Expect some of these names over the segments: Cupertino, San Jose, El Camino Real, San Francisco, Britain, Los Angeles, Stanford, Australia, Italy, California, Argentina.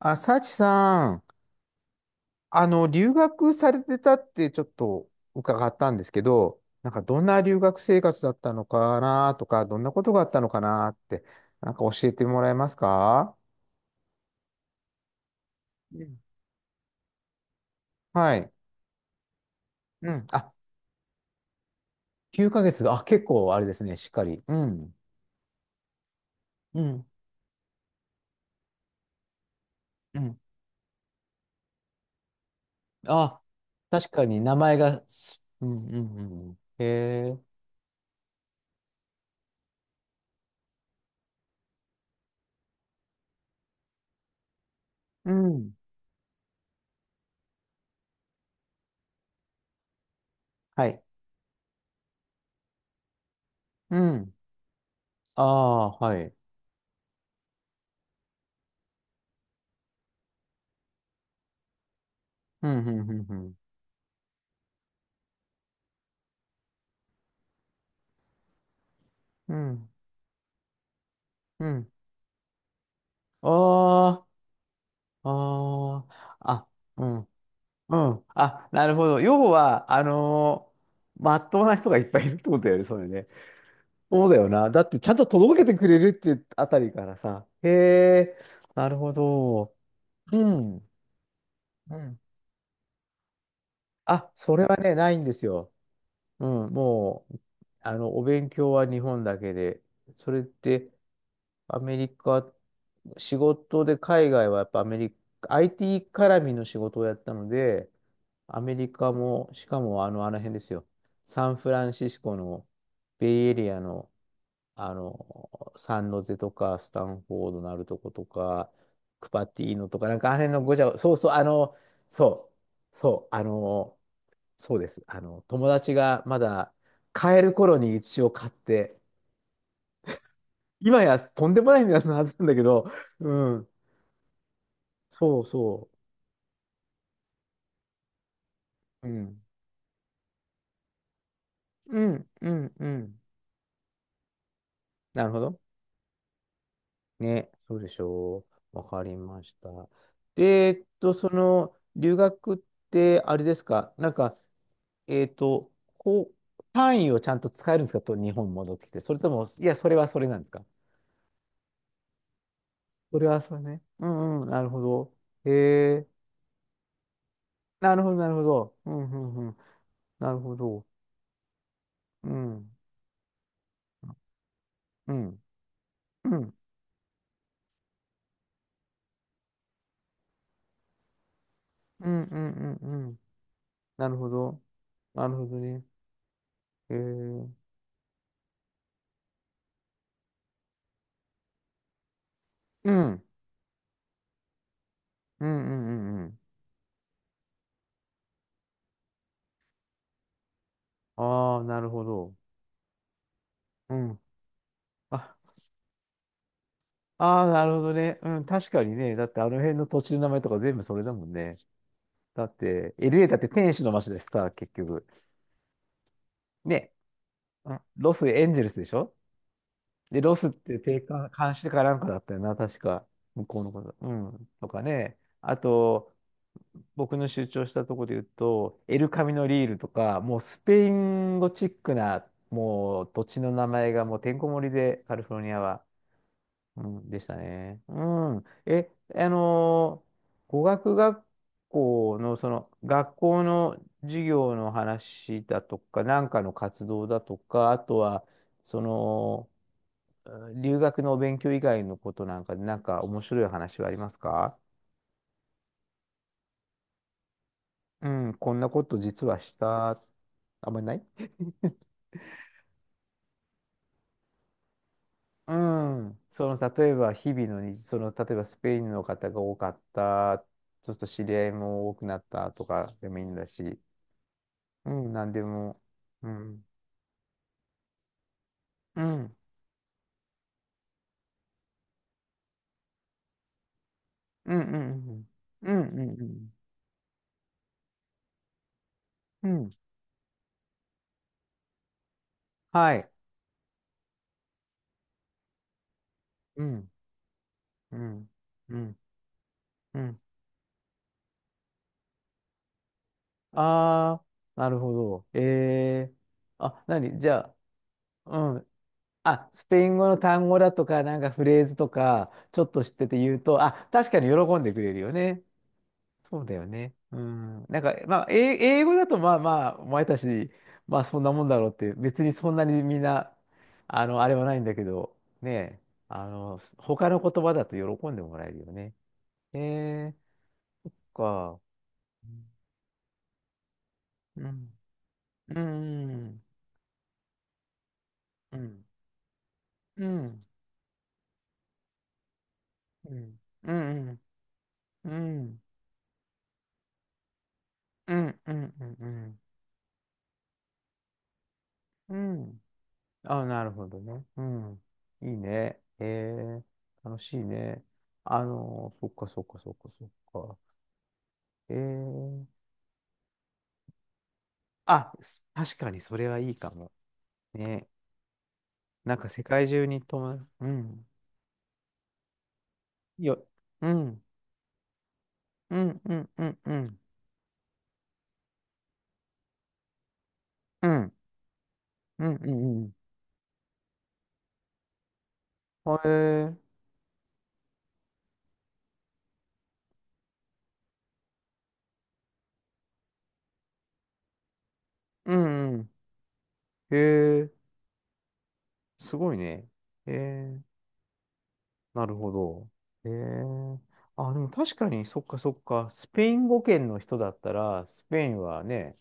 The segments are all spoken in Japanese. あ、幸さん、留学されてたってちょっと伺ったんですけど、なんかどんな留学生活だったのかなとか、どんなことがあったのかなって、なんか教えてもらえますか？うん。はい。うん。あ、9ヶ月が、あ、結構あれですね、しっかり。うん。うん。うん。あ、確かに名前が、すうんうんうんうん。へえ。うん。はい。うん。ああ、はい。うん、うん、うん、うん。うん。うん。ああ、ああ、あ、うん、うん。あ、なるほど。要は、まっとうな人がいっぱいいるってことだよね、それね。そうだよな。だって、ちゃんと届けてくれるっていうあたりからさ。へえ、なるほど。うん、うん。あ、それはね、ないんですよ。うん、もう、お勉強は日本だけで、それって、アメリカ、仕事で海外はやっぱアメリカ、IT 絡みの仕事をやったので、アメリカも、しかもあの辺ですよ。サンフランシスコのベイエリアの、サンノゼとか、スタンフォードのあるとことか、クパティーノとか、なんかあの辺のごちゃご、そうそう、そう、そう、そうです。友達がまだ買える頃に一応買って、今やとんでもない値段のはずなんだけど、うん、そうそう、うん、うん、うん、うん、なるほど。ね、そうでしょう。わかりました。で、留学って、あれですか、なんか、えっと、こう、単位をちゃんと使えるんですかと、日本戻ってきて。それとも、いや、それはそれなんですか？それはそれね。うんうん、なるほど。へえ、なるほど、なるほど。うんうんうん。なるほど。うん、うん、うん、うん、うん、うん、うん。なるほど。なるほどね。へえ、うん、うん、うん、うん。うん。ああ、なるほど。うん。あ、ああ、なるほどね。うん、確かにね。だってあの辺の土地の名前とか全部それだもんね。だって、LA だって天使の街でさ、結局。ね。うん。ロス、エンジェルスでしょ？で、ロスって定冠、監視かなんかだったよな、確か。向こうのこと。うん。とかね。あと、僕の主張したところで言うと、エルカミノリールとか、もうスペイン語チックな、もう土地の名前がもうてんこ盛りで、カリフォルニアは。うん、でしたね。うん。え、語学学校の、学校の授業の話だとか、なんかの活動だとか、あとは、その、うん。留学のお勉強以外のことなんかで、なんか面白い話はありますか？うん、こんなこと実はした、あんまりない うん、例えば日々の日、例えばスペインの方が多かった、ちょっと知り合いも多くなったとかでもいいんだし、うん、なんでも、うん、うん、うん、うん、うん、うん、うん、うん、うん。はい、うん、うん、うん、うん。あー、なるほど。あ、なに、じゃあ、うん。あ、スペイン語の単語だとか、なんかフレーズとか、ちょっと知ってて言うと、あ、確かに喜んでくれるよね。そうだよね。うん。なんか、まあ、英語だと、まあまあ、お前たち、まあそんなもんだろうって、別にそんなにみんな、あれはないんだけど、ね他の言葉だと喜んでもらえるよね。えか。うん。うん。うん。うん。うん。うん。うん。うん。うん。うん。うん。うん。うん。うん。あ、なるほどね。うん。いいね。楽しいね。そっかそっかそっかそっか。えー、あ、確かにそれはいいかも。ね。なんか世界中に友達、うん。よ、うん。うん、うん、うん、うん。うん、うん、うん、うん。あえー、うん、うん。えー、すごいね。えー、なるほど。えー。あ、でも確かに、そっかそっか。スペイン語圏の人だったら、スペインはね、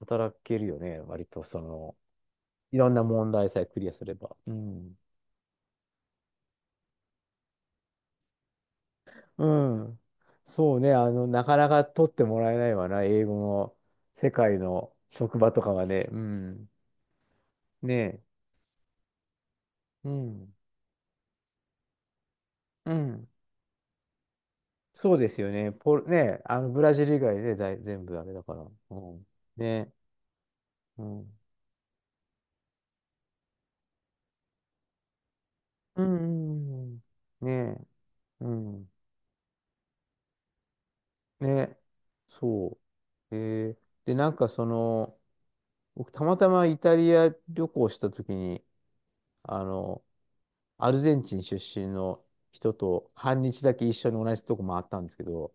働けるよね、割といろんな問題さえクリアすれば。うん。うん。そうね。なかなか取ってもらえないわな。英語の世界の職場とかはね。うん。ねえ。うん。うん。そうですよね。ねえ、ブラジル以外でだい全部あれだから。うん。ねえ。うん。うん。うん。ねえ。うん。ねえ。そう。で、なんか僕、たまたまイタリア旅行した時に、あの、アルゼンチン出身の人と半日だけ一緒に同じとこ回ったんですけど、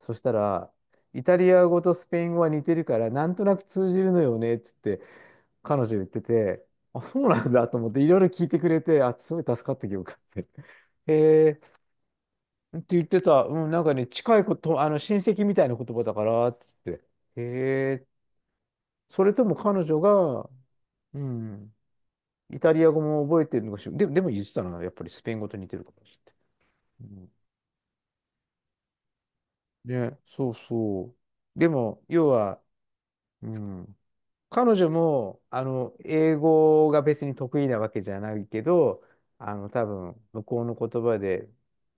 そしたら、イタリア語とスペイン語は似てるから、なんとなく通じるのよねっつって彼女言ってて、あ、そうなんだと思って、いろいろ聞いてくれて、あ、すごい助かった記憶があって。へえ。って言ってた、うん、なんかね、近いこと、あの親戚みたいな言葉だからっつって、へえ。それとも彼女が、うん、イタリア語も覚えてるのかしら。で、でも言ってたのは、やっぱりスペイン語と似てるかもしれない。うん、ね、そうそう。でも、要は、うん、彼女も、英語が別に得意なわけじゃないけど、多分、向こうの言葉で、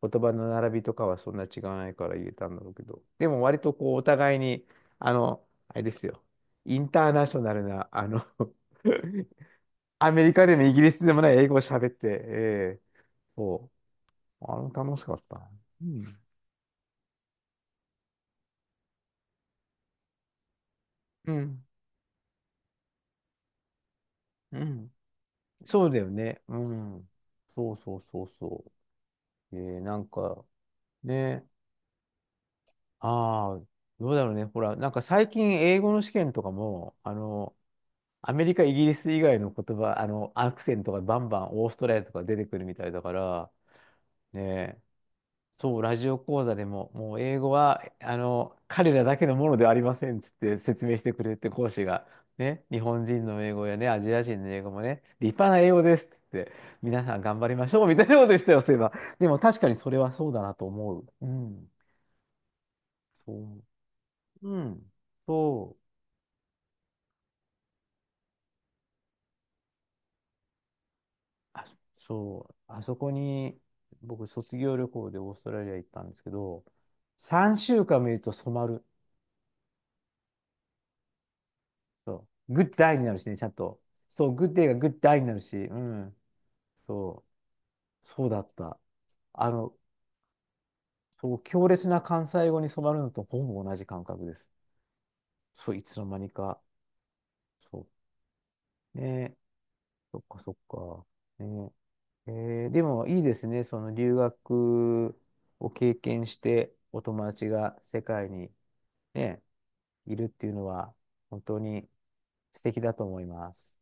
言葉の並びとかはそんな違わないから言えたんだろうけど、でも割とお互いに、あれですよ、インターナショナルな、アメリカでもイギリスでもない英語を喋って、そう。あれも楽しかったな。うん。うん。うん。そうだよね。うん。そうそうそうそう。なんか、ね、ああ、どうだろうね。ほら、なんか最近英語の試験とかも、アメリカ、イギリス以外の言葉、アクセントがバンバンオーストラリアとか出てくるみたいだから、ね、そう、ラジオ講座でも、もう英語は、彼らだけのものではありませんっつって説明してくれて、講師が、ね、日本人の英語やね、アジア人の英語もね、立派な英語ですっつって、皆さん頑張りましょうみたいなことでしたよ、そういえば。でも確かにそれはそうだなと思う。うん。そう。うん。そう。あ、そう。あそこに、僕、卒業旅行でオーストラリア行ったんですけど、3週間見ると染まる。そう。グッドアイになるしね、ちゃんと。そう、グッデイがグッドアイになるし、うん。そう、そうだった。あの、そう、強烈な関西語に染まるのとほぼ同じ感覚です。そう、いつの間にか。そう。ねえ、そっかそっか。ねえ、でもいいですね。その留学を経験して、お友達が世界にね、いるっていうのは、本当に素敵だと思います。